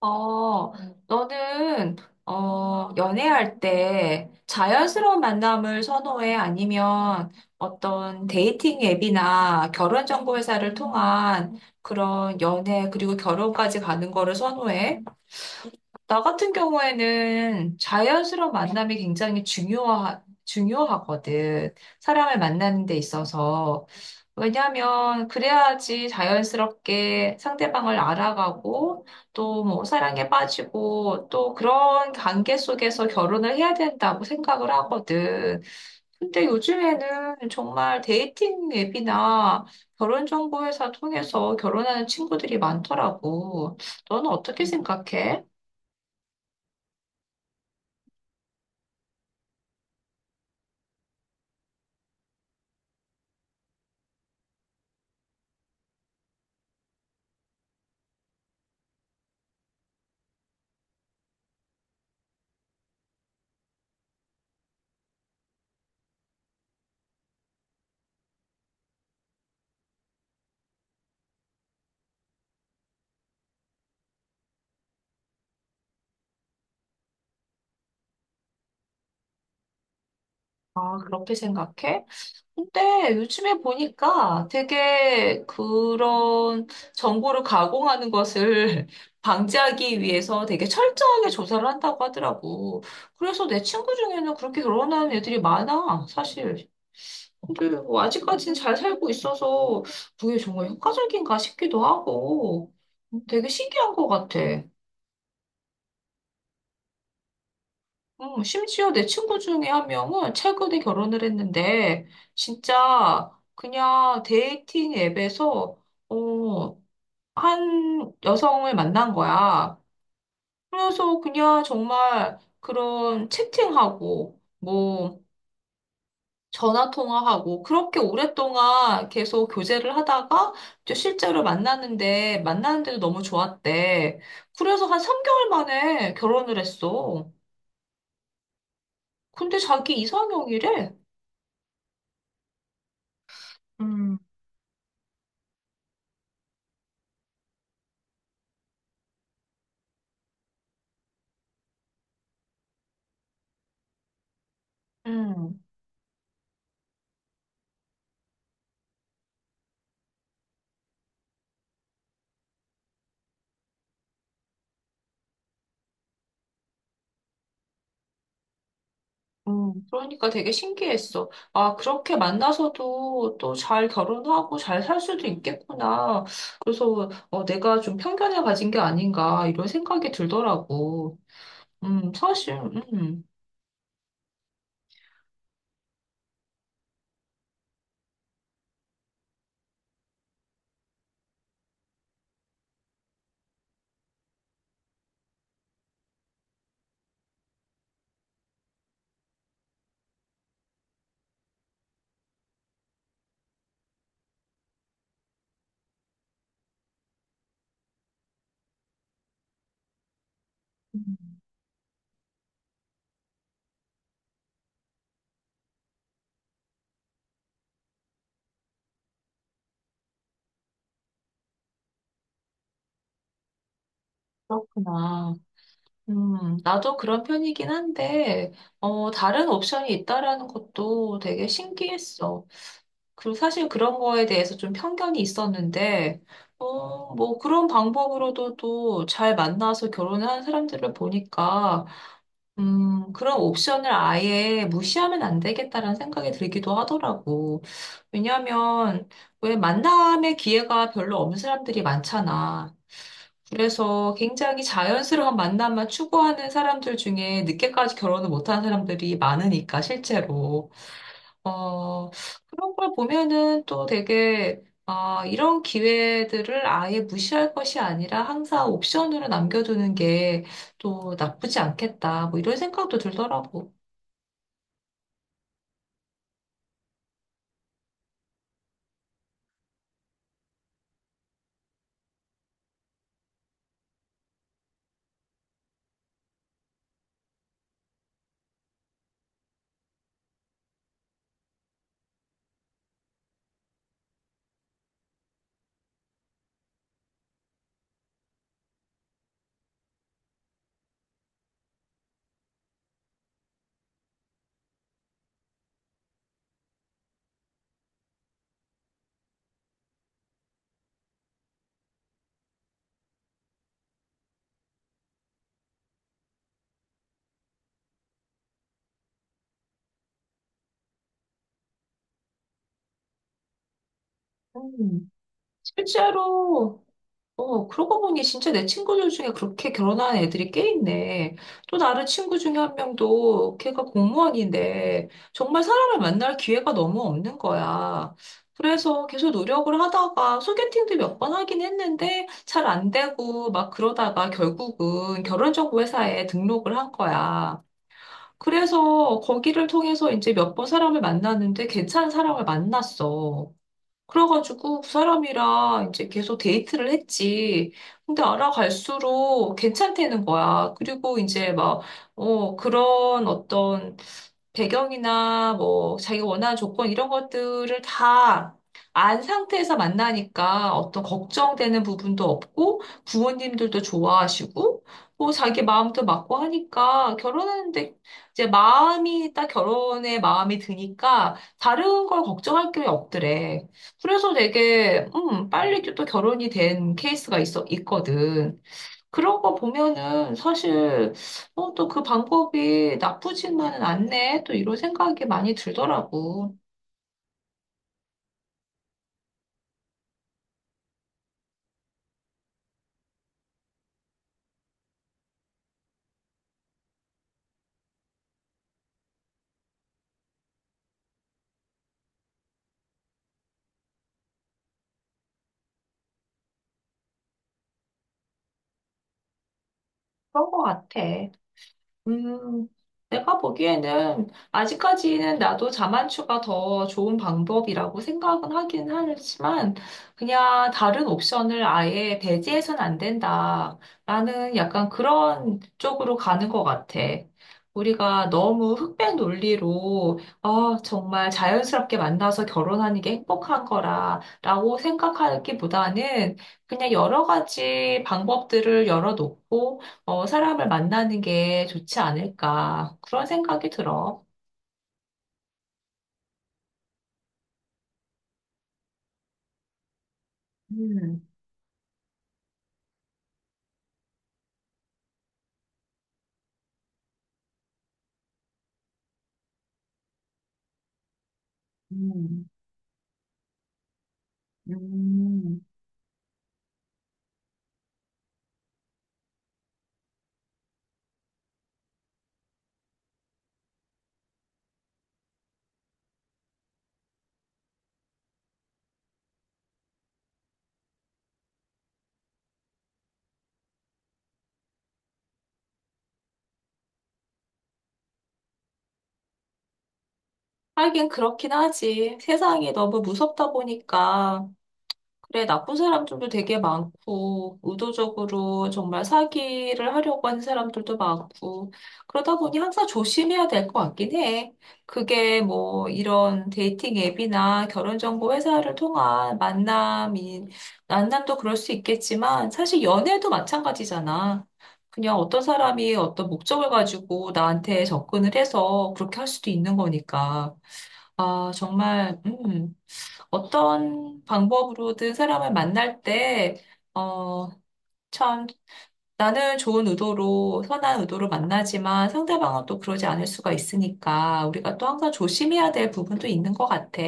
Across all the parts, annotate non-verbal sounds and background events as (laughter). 어, 너는, 연애할 때 자연스러운 만남을 선호해? 아니면 어떤 데이팅 앱이나 결혼정보 회사를 통한 그런 연애, 그리고 결혼까지 가는 거를 선호해? 나 같은 경우에는 자연스러운 만남이 굉장히 중요하거든. 사람을 만나는 데 있어서. 왜냐하면 그래야지 자연스럽게 상대방을 알아가고 또 뭐 사랑에 빠지고 또 그런 관계 속에서 결혼을 해야 된다고 생각을 하거든. 근데 요즘에는 정말 데이팅 앱이나 결혼 정보 회사 통해서 결혼하는 친구들이 많더라고. 너는 어떻게 생각해? 아, 그렇게 생각해? 근데 요즘에 보니까 되게 그런 정보를 가공하는 것을 (laughs) 방지하기 위해서 되게 철저하게 조사를 한다고 하더라고. 그래서 내 친구 중에는 그렇게 결혼하는 애들이 많아, 사실. 근데 뭐 아직까지는 잘 살고 있어서 그게 정말 효과적인가 싶기도 하고 되게 신기한 것 같아. 심지어 내 친구 중에 한 명은 최근에 결혼을 했는데, 진짜 그냥 데이팅 앱에서, 어, 한 여성을 만난 거야. 그래서 그냥 정말 그런 채팅하고, 뭐, 전화 통화하고, 그렇게 오랫동안 계속 교제를 하다가, 이제 실제로 만났는데, 만났는데도 너무 좋았대. 그래서 한 3개월 만에 결혼을 했어. 근데 자기 이상형이래. 음. 그러니까 되게 신기했어. 아, 그렇게 만나서도 또 잘 결혼하고 잘 살 수도 있겠구나. 그래서 내가 좀 편견을 가진 게 아닌가 이런 생각이 들더라고. 사실, 음, 그렇구나. 나도 그런 편이긴 한데, 다른 옵션이 있다라는 것도 되게 신기했어. 그 사실 그런 거에 대해서 좀 편견이 있었는데, 뭐 그런 방법으로도 또 잘 만나서 결혼을 한 사람들을 보니까, 그런 옵션을 아예 무시하면 안 되겠다라는 생각이 들기도 하더라고. 왜냐하면 왜 만남의 기회가 별로 없는 사람들이 많잖아. 그래서 굉장히 자연스러운 만남만 추구하는 사람들 중에 늦게까지 결혼을 못한 사람들이 많으니까, 실제로. 어, 그런 걸 보면은 또 되게, 아, 이런 기회들을 아예 무시할 것이 아니라 항상 옵션으로 남겨두는 게 또 나쁘지 않겠다. 뭐 이런 생각도 들더라고. 음, 실제로 그러고 보니 진짜 내 친구들 중에 그렇게 결혼한 애들이 꽤 있네. 또 다른 친구 중에 한 명도 걔가 공무원인데 정말 사람을 만날 기회가 너무 없는 거야. 그래서 계속 노력을 하다가 소개팅도 몇 번 하긴 했는데 잘 안 되고 막 그러다가 결국은 결혼정보회사에 등록을 한 거야. 그래서 거기를 통해서 이제 몇 번 사람을 만났는데 괜찮은 사람을 만났어. 그래가지고 그 사람이랑 이제 계속 데이트를 했지. 근데 알아갈수록 괜찮다는 거야. 그리고 이제 막, 그런 어떤 배경이나 뭐 자기가 원하는 조건 이런 것들을 다 안 상태에서 만나니까 어떤 걱정되는 부분도 없고 부모님들도 좋아하시고 뭐 자기 마음도 맞고 하니까 결혼하는데 이제 마음이 딱 결혼에 마음이 드니까 다른 걸 걱정할 게 없더래. 그래서 되게, 빨리 또 결혼이 된 케이스가 있어, 있거든. 그런 거 보면은 사실, 또 그 방법이 나쁘지만은 않네. 또 이런 생각이 많이 들더라고. 그런 거 같아. 음, 내가 보기에는 아직까지는 나도 자만추가 더 좋은 방법이라고 생각은 하긴 하지만 그냥 다른 옵션을 아예 배제해서는 안 된다라는 약간 그런 쪽으로 가는 것 같아. 우리가 너무 흑백 논리로 아, 정말 자연스럽게 만나서 결혼하는 게 행복한 거라라고 생각하기보다는 그냥 여러 가지 방법들을 열어놓고 사람을 만나는 게 좋지 않을까. 그런 생각이 들어. 음. 음. 음. 하긴 그렇긴 하지. 세상이 너무 무섭다 보니까. 그래, 나쁜 사람들도 되게 많고, 의도적으로 정말 사기를 하려고 하는 사람들도 많고, 그러다 보니 항상 조심해야 될 것 같긴 해. 그게 뭐 이런 데이팅 앱이나 결혼정보 회사를 통한 만남이, 만남도 그럴 수 있겠지만, 사실 연애도 마찬가지잖아. 그냥 어떤 사람이 어떤 목적을 가지고 나한테 접근을 해서 그렇게 할 수도 있는 거니까. 아, 정말, 어떤 방법으로든 사람을 만날 때, 어, 참, 나는 좋은 의도로, 선한 의도로 만나지만 상대방은 또 그러지 않을 수가 있으니까 우리가 또 항상 조심해야 될 부분도 있는 것 같아.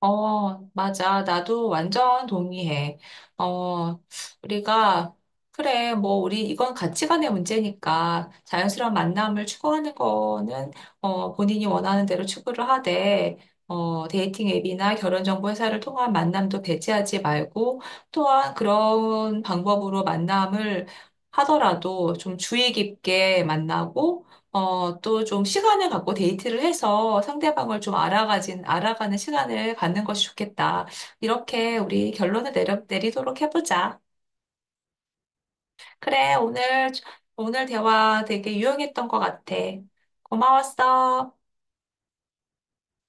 어, 맞아. 나도 완전 동의해. 어, 우리가, 그래, 뭐, 우리, 이건 가치관의 문제니까 자연스러운 만남을 추구하는 거는, 본인이 원하는 대로 추구를 하되, 데이팅 앱이나 결혼정보회사를 통한 만남도 배제하지 말고, 또한 그런 방법으로 만남을 하더라도 좀 주의 깊게 만나고, 또 좀 시간을 갖고 데이트를 해서 상대방을 좀 알아가는 시간을 갖는 것이 좋겠다. 이렇게 우리 결론을 내리도록 해보자. 그래, 오늘 대화 되게 유용했던 것 같아. 고마웠어.